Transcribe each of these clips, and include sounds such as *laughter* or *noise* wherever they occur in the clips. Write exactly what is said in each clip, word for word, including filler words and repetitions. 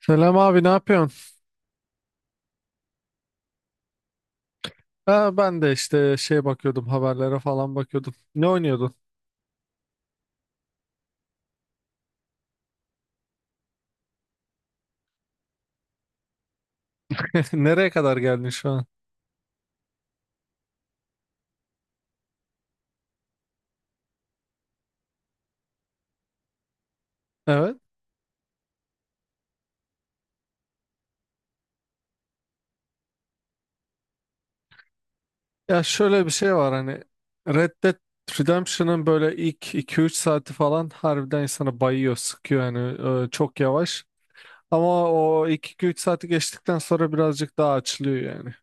Selam abi ne yapıyorsun? Ha, ben de işte şey bakıyordum, haberlere falan bakıyordum. Ne oynuyordun? *laughs* Nereye kadar geldin şu an? Evet. Ya şöyle bir şey var hani Red Dead Redemption'ın böyle ilk iki üç saati falan harbiden insanı bayıyor, sıkıyor yani, e, çok yavaş. Ama o ilk iki üç saati geçtikten sonra birazcık daha açılıyor yani.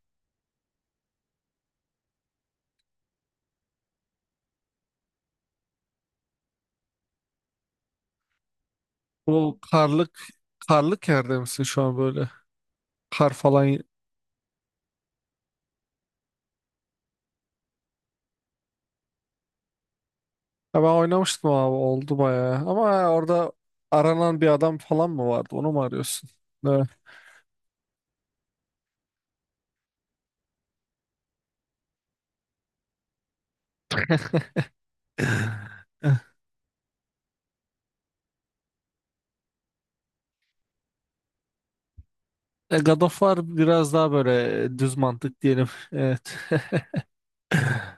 Bu karlık karlık yerde misin şu an böyle? Kar falan. Ya ben oynamıştım abi, oldu bayağı. Ama orada aranan bir adam falan mı vardı? Onu mu arıyorsun? Evet. *laughs* E, God of War biraz daha böyle, e, düz mantık diyelim. Evet. *laughs*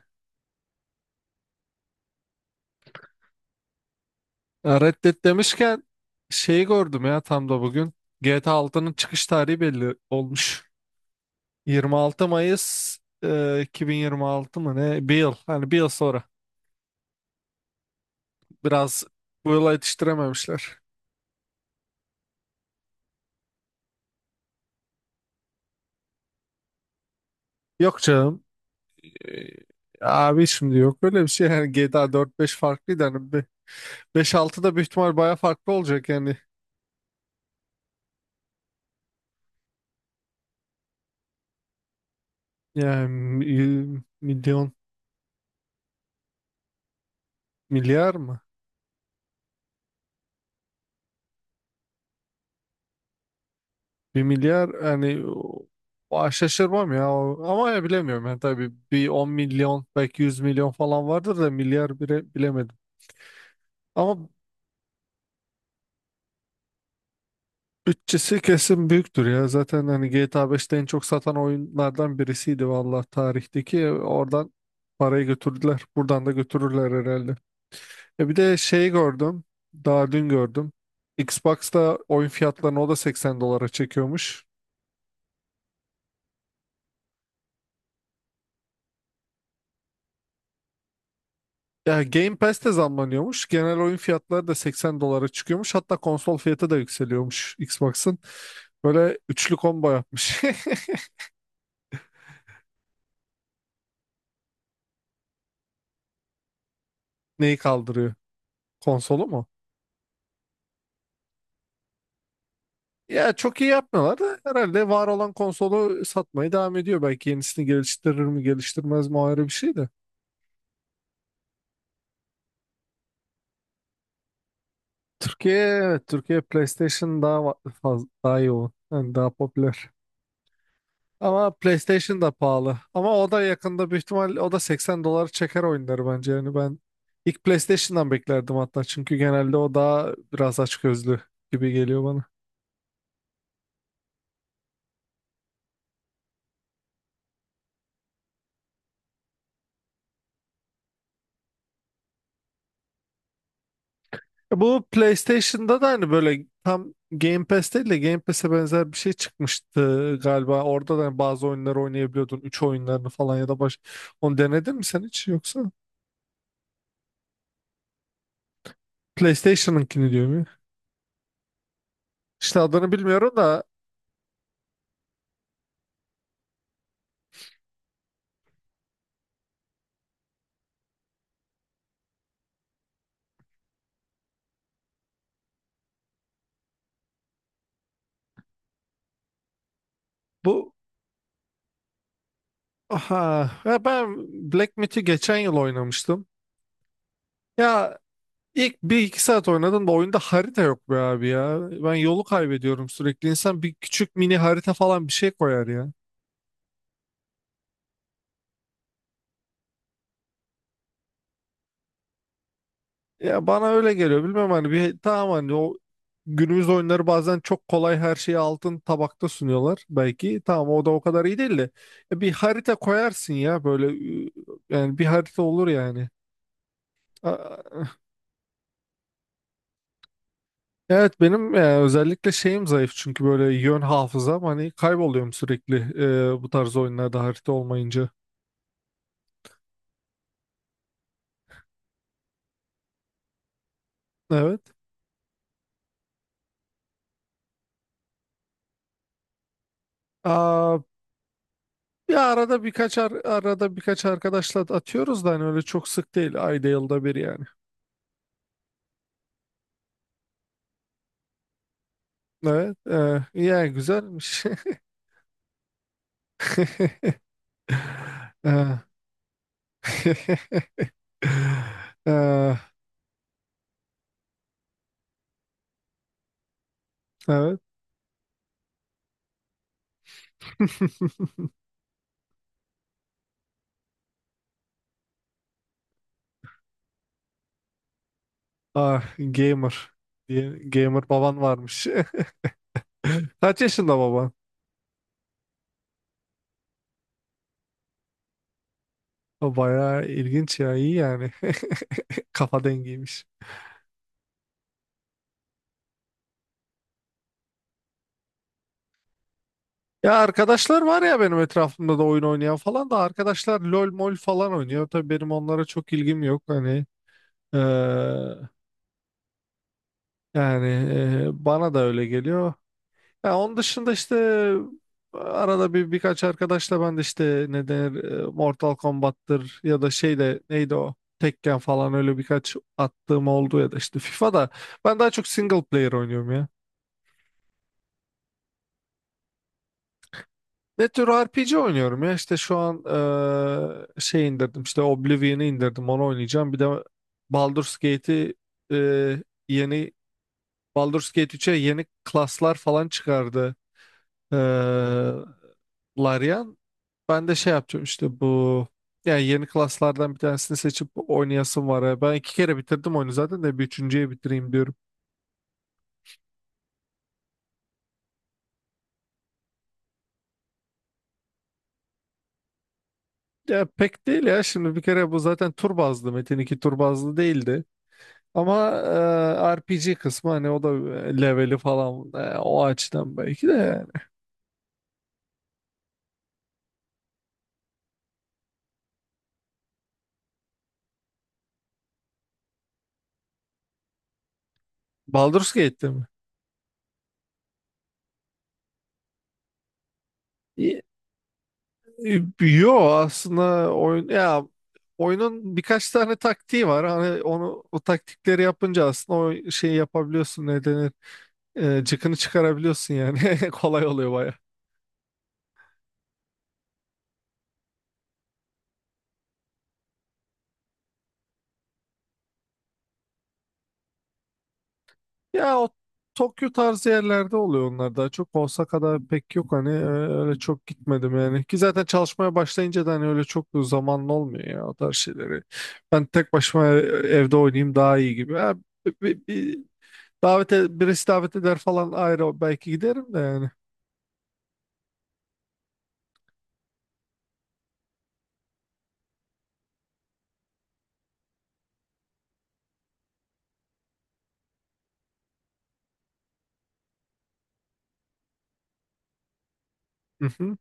Red Dead demişken, şeyi gördüm ya, tam da bugün. G T A altının çıkış tarihi belli olmuş. yirmi altı Mayıs e, iki bin yirmi altı mı ne? Bir yıl. Hani bir yıl sonra. Biraz bu yıla yetiştirememişler. Yok canım. Ee, Abi şimdi yok öyle bir şey yani. G T A dört beş farklıydı, hani beş altı da büyük ihtimal baya farklı olacak yani yani mi- milyon, milyar mı? Bir milyar yani o, o- şaşırmam ya. O- ama ya bilemiyorum yani, tabii bir on milyon, belki yüz milyon falan vardır da milyar bile bilemedim. Ama bütçesi kesin büyüktür ya, zaten hani G T A beşte en çok satan oyunlardan birisiydi vallahi tarihteki. Oradan parayı götürdüler, buradan da götürürler herhalde. Ya bir de şeyi gördüm. Daha dün gördüm. Xbox'ta oyun fiyatlarını o da seksen dolara çekiyormuş. Ya Game Pass de zamlanıyormuş. Genel oyun fiyatları da seksen dolara çıkıyormuş. Hatta konsol fiyatı da yükseliyormuş Xbox'ın. Böyle üçlü combo yapmış. *laughs* Neyi kaldırıyor? Konsolu mu? Ya çok iyi yapmıyorlar da, herhalde var olan konsolu satmaya devam ediyor. Belki yenisini geliştirir mi geliştirmez mi, o ayrı bir şey de. Türkiye, evet, Türkiye PlayStation daha fazla, daha yoğun. Yani daha popüler. Ama PlayStation da pahalı. Ama o da yakında büyük ihtimal o da seksen doları çeker oyunları bence. Yani ben ilk PlayStation'dan beklerdim hatta. Çünkü genelde o daha biraz açgözlü gibi geliyor bana. E, bu PlayStation'da da hani böyle tam Game Pass değil de Game Pass'e benzer bir şey çıkmıştı galiba. Orada da hani bazı oyunları oynayabiliyordun. Üç oyunlarını falan ya da baş... Onu denedin mi sen hiç yoksa? PlayStation'ınkini diyor mu? İşte adını bilmiyorum da, bu. Aha, ya ben Black Myth'i geçen yıl oynamıştım. Ya ilk bir iki saat oynadım da oyunda harita yok be abi ya. Ben yolu kaybediyorum sürekli. İnsan bir küçük mini harita falan, bir şey koyar ya. Ya bana öyle geliyor. Bilmem, hani bir tamam, hani o günümüz oyunları bazen çok kolay, her şeyi altın tabakta sunuyorlar belki. Tamam, o da o kadar iyi değil de. Ya bir harita koyarsın ya, böyle ü- yani bir harita olur yani. A- Evet, benim e, özellikle şeyim zayıf, çünkü böyle yön hafızam, hani kayboluyorum sürekli e, bu tarz oyunlarda harita olmayınca. Evet. Aa, ya arada birkaç ar- arada birkaç arkadaşla atıyoruz da hani, öyle çok sık değil. Ayda yılda bir yani. Evet. E, yani güzelmiş. *laughs* Ee, *laughs* ee, evet. *laughs* Ah, gamer. Diye- Gamer baban varmış. *laughs* Kaç yaşında baban? O bayağı ilginç ya. İyi yani. *laughs* Kafa dengiymiş. Ya arkadaşlar var ya benim etrafımda da, oyun oynayan falan da. Arkadaşlar LOL mol falan oynuyor. Tabii benim onlara çok ilgim yok. Hani eee, yani eee, bana da öyle geliyor. Ya onun dışında işte, arada bir birkaç arkadaşla ben de işte, ne denir, eee, Mortal Kombat'tır ya da şey de neydi, o Tekken falan, öyle birkaç attığım oldu, ya da işte FIFA'da. Ben daha çok single player oynuyorum ya. Ne tür R P G oynuyorum ya işte. Şu an eee, şey indirdim, işte Oblivion'ı indirdim, onu oynayacağım. Bir de Baldur's Gate'i, eee, yeni Baldur's Gate üç'e yeni klaslar falan çıkardı, eee Larian. Ben de şey yapacağım işte, bu yani yeni klaslardan bir tanesini seçip oynayasım var ya. Ben iki kere bitirdim oyunu zaten de, bir üçüncüye bitireyim diyorum. Ya pek değil ya, şimdi bir kere bu zaten tur bazlı, Metin iki tur bazlı değildi. Ama e, R P G kısmı, hani o da e, leveli falan, e, o açıdan belki de yani. Baldur's Gate'te mi? Y- y- Yo, aslında oyun ya oyunun birkaç tane taktiği var. Hani onu, o taktikleri yapınca aslında o şeyi yapabiliyorsun, ne denir, E, cıkını çıkarabiliyorsun yani. *laughs* Kolay oluyor baya. Ya o Tokyo tarzı yerlerde oluyor onlar daha çok. Osaka'da pek yok hani, e, öyle çok gitmedim yani. Ki zaten çalışmaya başlayınca da hani, öyle çok zamanın olmuyor ya o tarz şeyleri. Ben tek başıma e, evde oynayayım daha iyi gibi. Ha, bir, bir- bir davete, birisi davet eder falan ayrı, belki giderim de yani. Hı hı.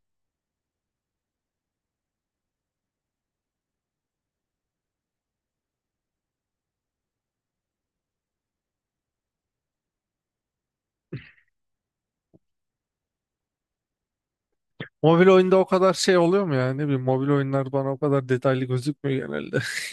Mobil oyunda o kadar şey oluyor mu yani? Ne bileyim, mobil oyunlar bana o kadar detaylı gözükmüyor genelde. *laughs*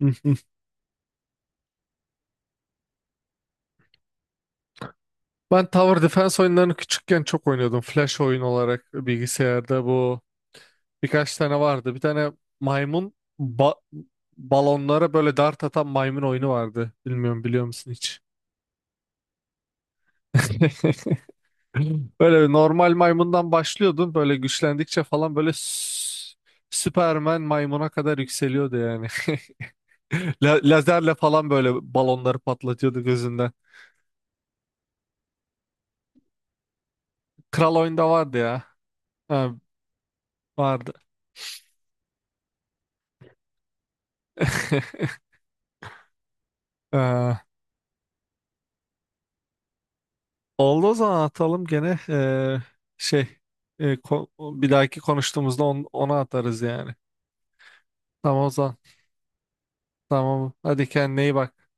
Hı hı. Ben Tower Defense oyunlarını küçükken çok oynuyordum. Flash oyun olarak bilgisayarda, bu, birkaç tane vardı. Bir tane maymun, ba- balonlara böyle dart atan maymun oyunu vardı. Bilmiyorum, biliyor musun hiç? *laughs* Böyle normal maymundan başlıyordun. Böyle güçlendikçe falan böyle sü- Süpermen maymuna kadar yükseliyordu yani. *laughs* La- lazerle falan böyle balonları patlatıyordu gözünden. Kral oyunda vardı ya. Ha, vardı. *laughs* Ee, Oldu o zaman, atalım gene eee, şey eee, ko- bir dahaki konuştuğumuzda on- onu atarız yani. Tamam o zaman. Tamam. Hadi, kendine iyi bak.